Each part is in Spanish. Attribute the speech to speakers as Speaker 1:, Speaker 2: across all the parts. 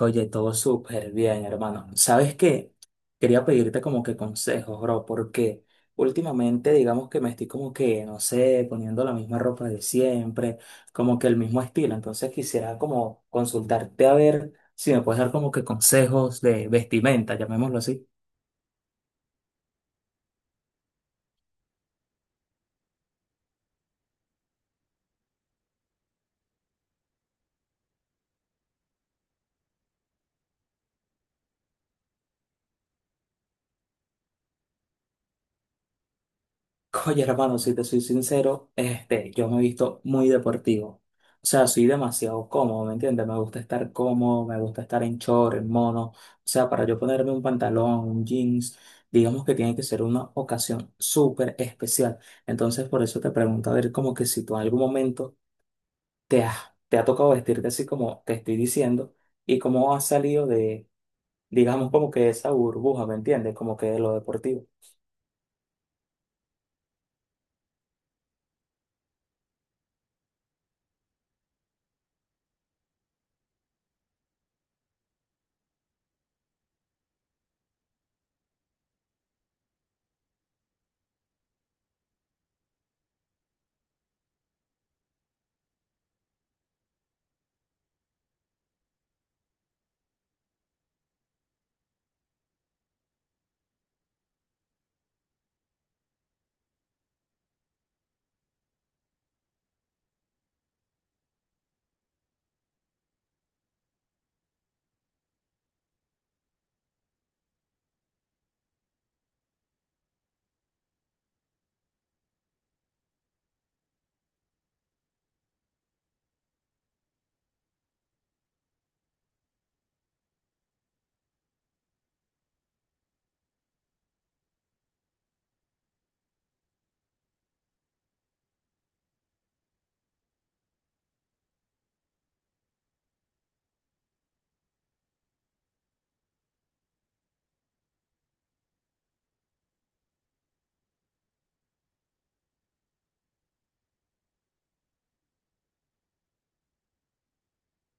Speaker 1: Oye, todo súper bien, hermano. ¿Sabes qué? Quería pedirte como que consejos, bro, porque últimamente digamos que me estoy como que, no sé, poniendo la misma ropa de siempre, como que el mismo estilo. Entonces quisiera como consultarte a ver si me puedes dar como que consejos de vestimenta, llamémoslo así. Oye, hermano, si te soy sincero, yo me he visto muy deportivo. O sea, soy demasiado cómodo, ¿me entiendes? Me gusta estar cómodo, me gusta estar en short, en mono. O sea, para yo ponerme un pantalón, un jeans, digamos que tiene que ser una ocasión súper especial. Entonces, por eso te pregunto, a ver, como que si tú en algún momento te has, te ha tocado vestirte así como te estoy diciendo y cómo has salido de, digamos, como que esa burbuja, ¿me entiendes? Como que de lo deportivo.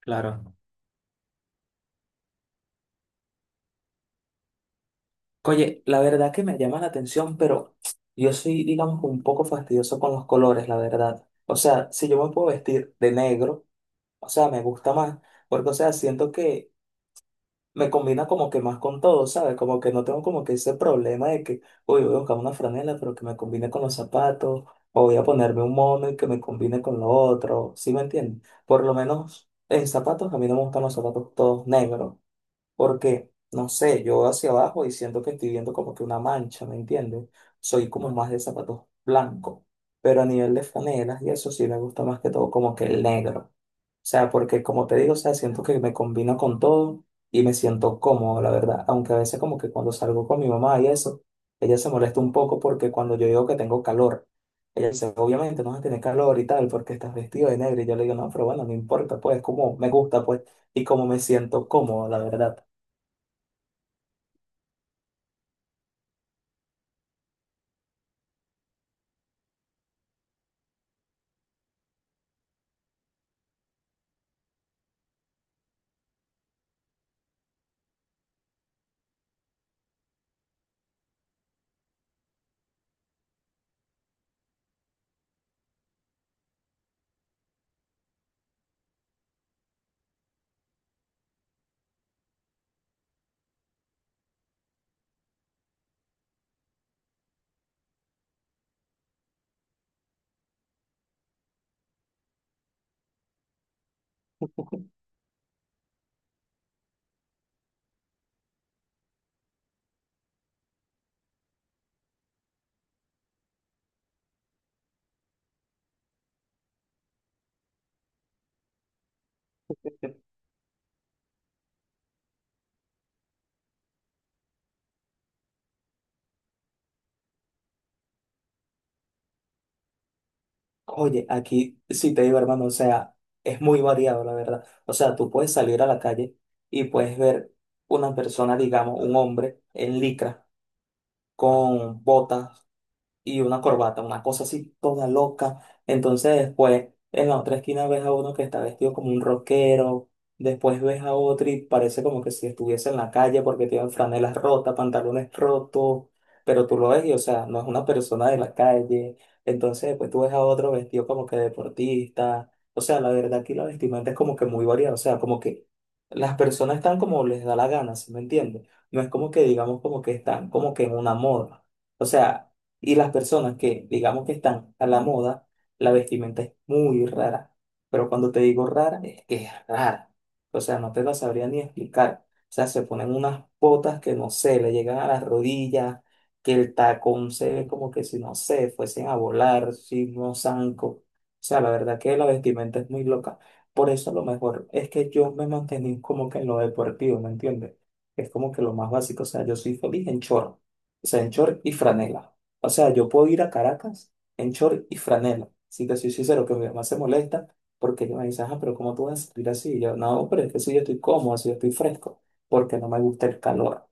Speaker 1: Claro. Oye, la verdad que me llama la atención, pero yo soy, digamos, un poco fastidioso con los colores, la verdad. O sea, si yo me puedo vestir de negro, o sea, me gusta más, porque, o sea, siento que me combina como que más con todo, ¿sabes? Como que no tengo como que ese problema de que, uy, voy a buscar una franela, pero que me combine con los zapatos, o voy a ponerme un mono y que me combine con lo otro, ¿sí me entiendes? Por lo menos en zapatos, a mí no me gustan los zapatos todos negros porque, no sé, yo hacia abajo y siento que estoy viendo como que una mancha, ¿me entiendes? Soy como más de zapatos blancos, pero a nivel de franelas y eso sí me gusta más que todo como que el negro. O sea, porque como te digo, o sea, siento que me combina con todo y me siento cómodo, la verdad. Aunque a veces como que cuando salgo con mi mamá y eso, ella se molesta un poco porque cuando yo digo que tengo calor, ella dice, obviamente no vas a tener calor y tal porque estás vestido de negro. Y yo le digo, no, pero bueno, no importa, pues como me gusta, pues, y como me siento cómodo, la verdad. Oye, aquí sí te digo, hermano, o sea, es muy variado, la verdad. O sea, tú puedes salir a la calle y puedes ver una persona, digamos, un hombre en licra, con botas, y una corbata, una cosa así toda loca. Entonces después en la otra esquina ves a uno que está vestido como un rockero, después ves a otro y parece como que si estuviese en la calle porque tiene franelas rotas, pantalones rotos, pero tú lo ves y o sea, no es una persona de la calle. Entonces después tú ves a otro vestido como que deportista. O sea, la verdad aquí la vestimenta es como que muy variada, o sea, como que las personas están como les da la gana, ¿sí me entiendes? No es como que digamos como que están como que en una moda. O sea, y las personas que, digamos que están a la moda, la vestimenta es muy rara. Pero cuando te digo rara, es que es rara. O sea, no te la sabría ni explicar. O sea, se ponen unas botas que no sé, le llegan a las rodillas, que el tacón se ve como que si no sé, fuesen a volar, si no zanco. O sea, la verdad que la vestimenta es muy loca. Por eso lo mejor es que yo me mantení como que en lo deportivo, ¿me entiendes? Es como que lo más básico. O sea, yo soy feliz en chorro. O sea, en short y franela. O sea, yo puedo ir a Caracas en short y franela. Sí que soy sincero, que mi mamá se molesta porque ella me dice, ah, pero ¿cómo tú vas a salir así? Y yo, no, pero es que si yo estoy cómodo, si yo estoy fresco, porque no me gusta el calor.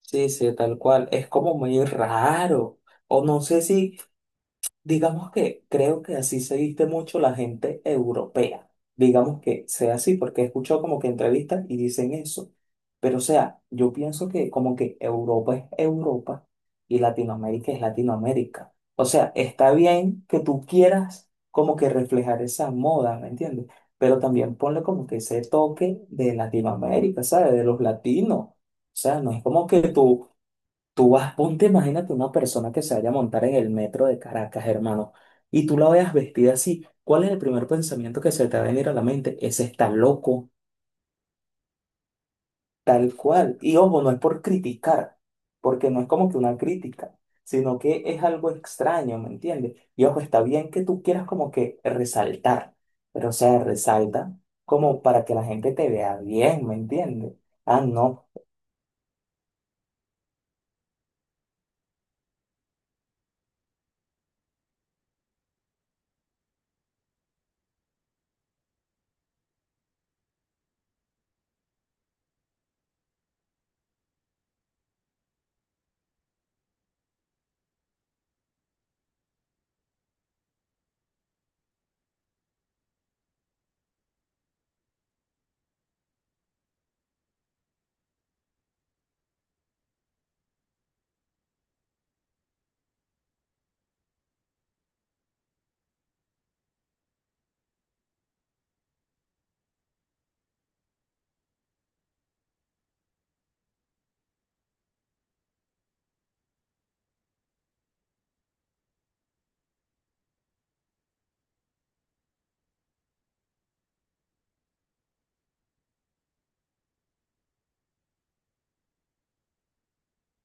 Speaker 1: Sí, sí, tal cual. Es como muy raro. O no sé si. Digamos que creo que así se viste mucho la gente europea. Digamos que sea así, porque he escuchado como que entrevistas y dicen eso. Pero o sea, yo pienso que como que Europa es Europa y Latinoamérica es Latinoamérica. O sea, está bien que tú quieras como que reflejar esa moda, ¿me entiendes? Pero también ponle como que ese toque de Latinoamérica, ¿sabes? De los latinos. O sea, no es como que tú. Tú vas, ponte, imagínate una persona que se vaya a montar en el metro de Caracas, hermano, y tú la veas vestida así. ¿Cuál es el primer pensamiento que se te va a venir a la mente? Ese está loco, tal cual. Y ojo, no es por criticar, porque no es como que una crítica, sino que es algo extraño, ¿me entiendes? Y ojo, está bien que tú quieras como que resaltar, pero o sea, resalta como para que la gente te vea bien, ¿me entiendes? Ah, no.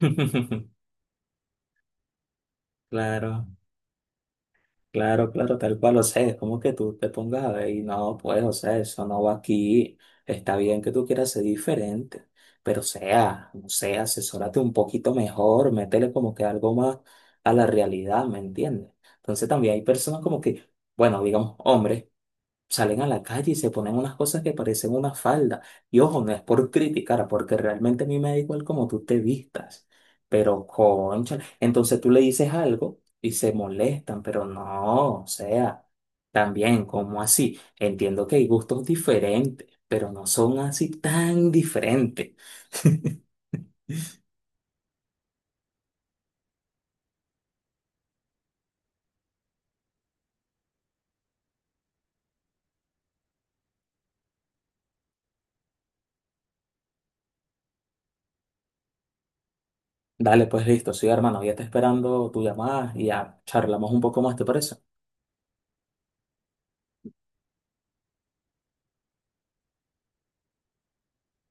Speaker 1: Claro. Claro, claro, tal cual, o sea, es como que tú te pongas a ver y no, pues, o sea, eso no va aquí, está bien que tú quieras ser diferente, pero o sea, no sé, asesórate un poquito mejor, métele como que algo más a la realidad, ¿me entiendes? Entonces también hay personas como que, bueno, digamos, hombres salen a la calle y se ponen unas cosas que parecen una falda. Y ojo, no es por criticar, porque realmente a mí me da igual como tú te vistas. Pero concha, entonces tú le dices algo y se molestan, pero no, o sea, también, como así? Entiendo que hay gustos diferentes, pero no son así tan diferentes. Dale, pues listo, sí, hermano, ya está esperando tu llamada y ya charlamos un poco más, ¿te parece?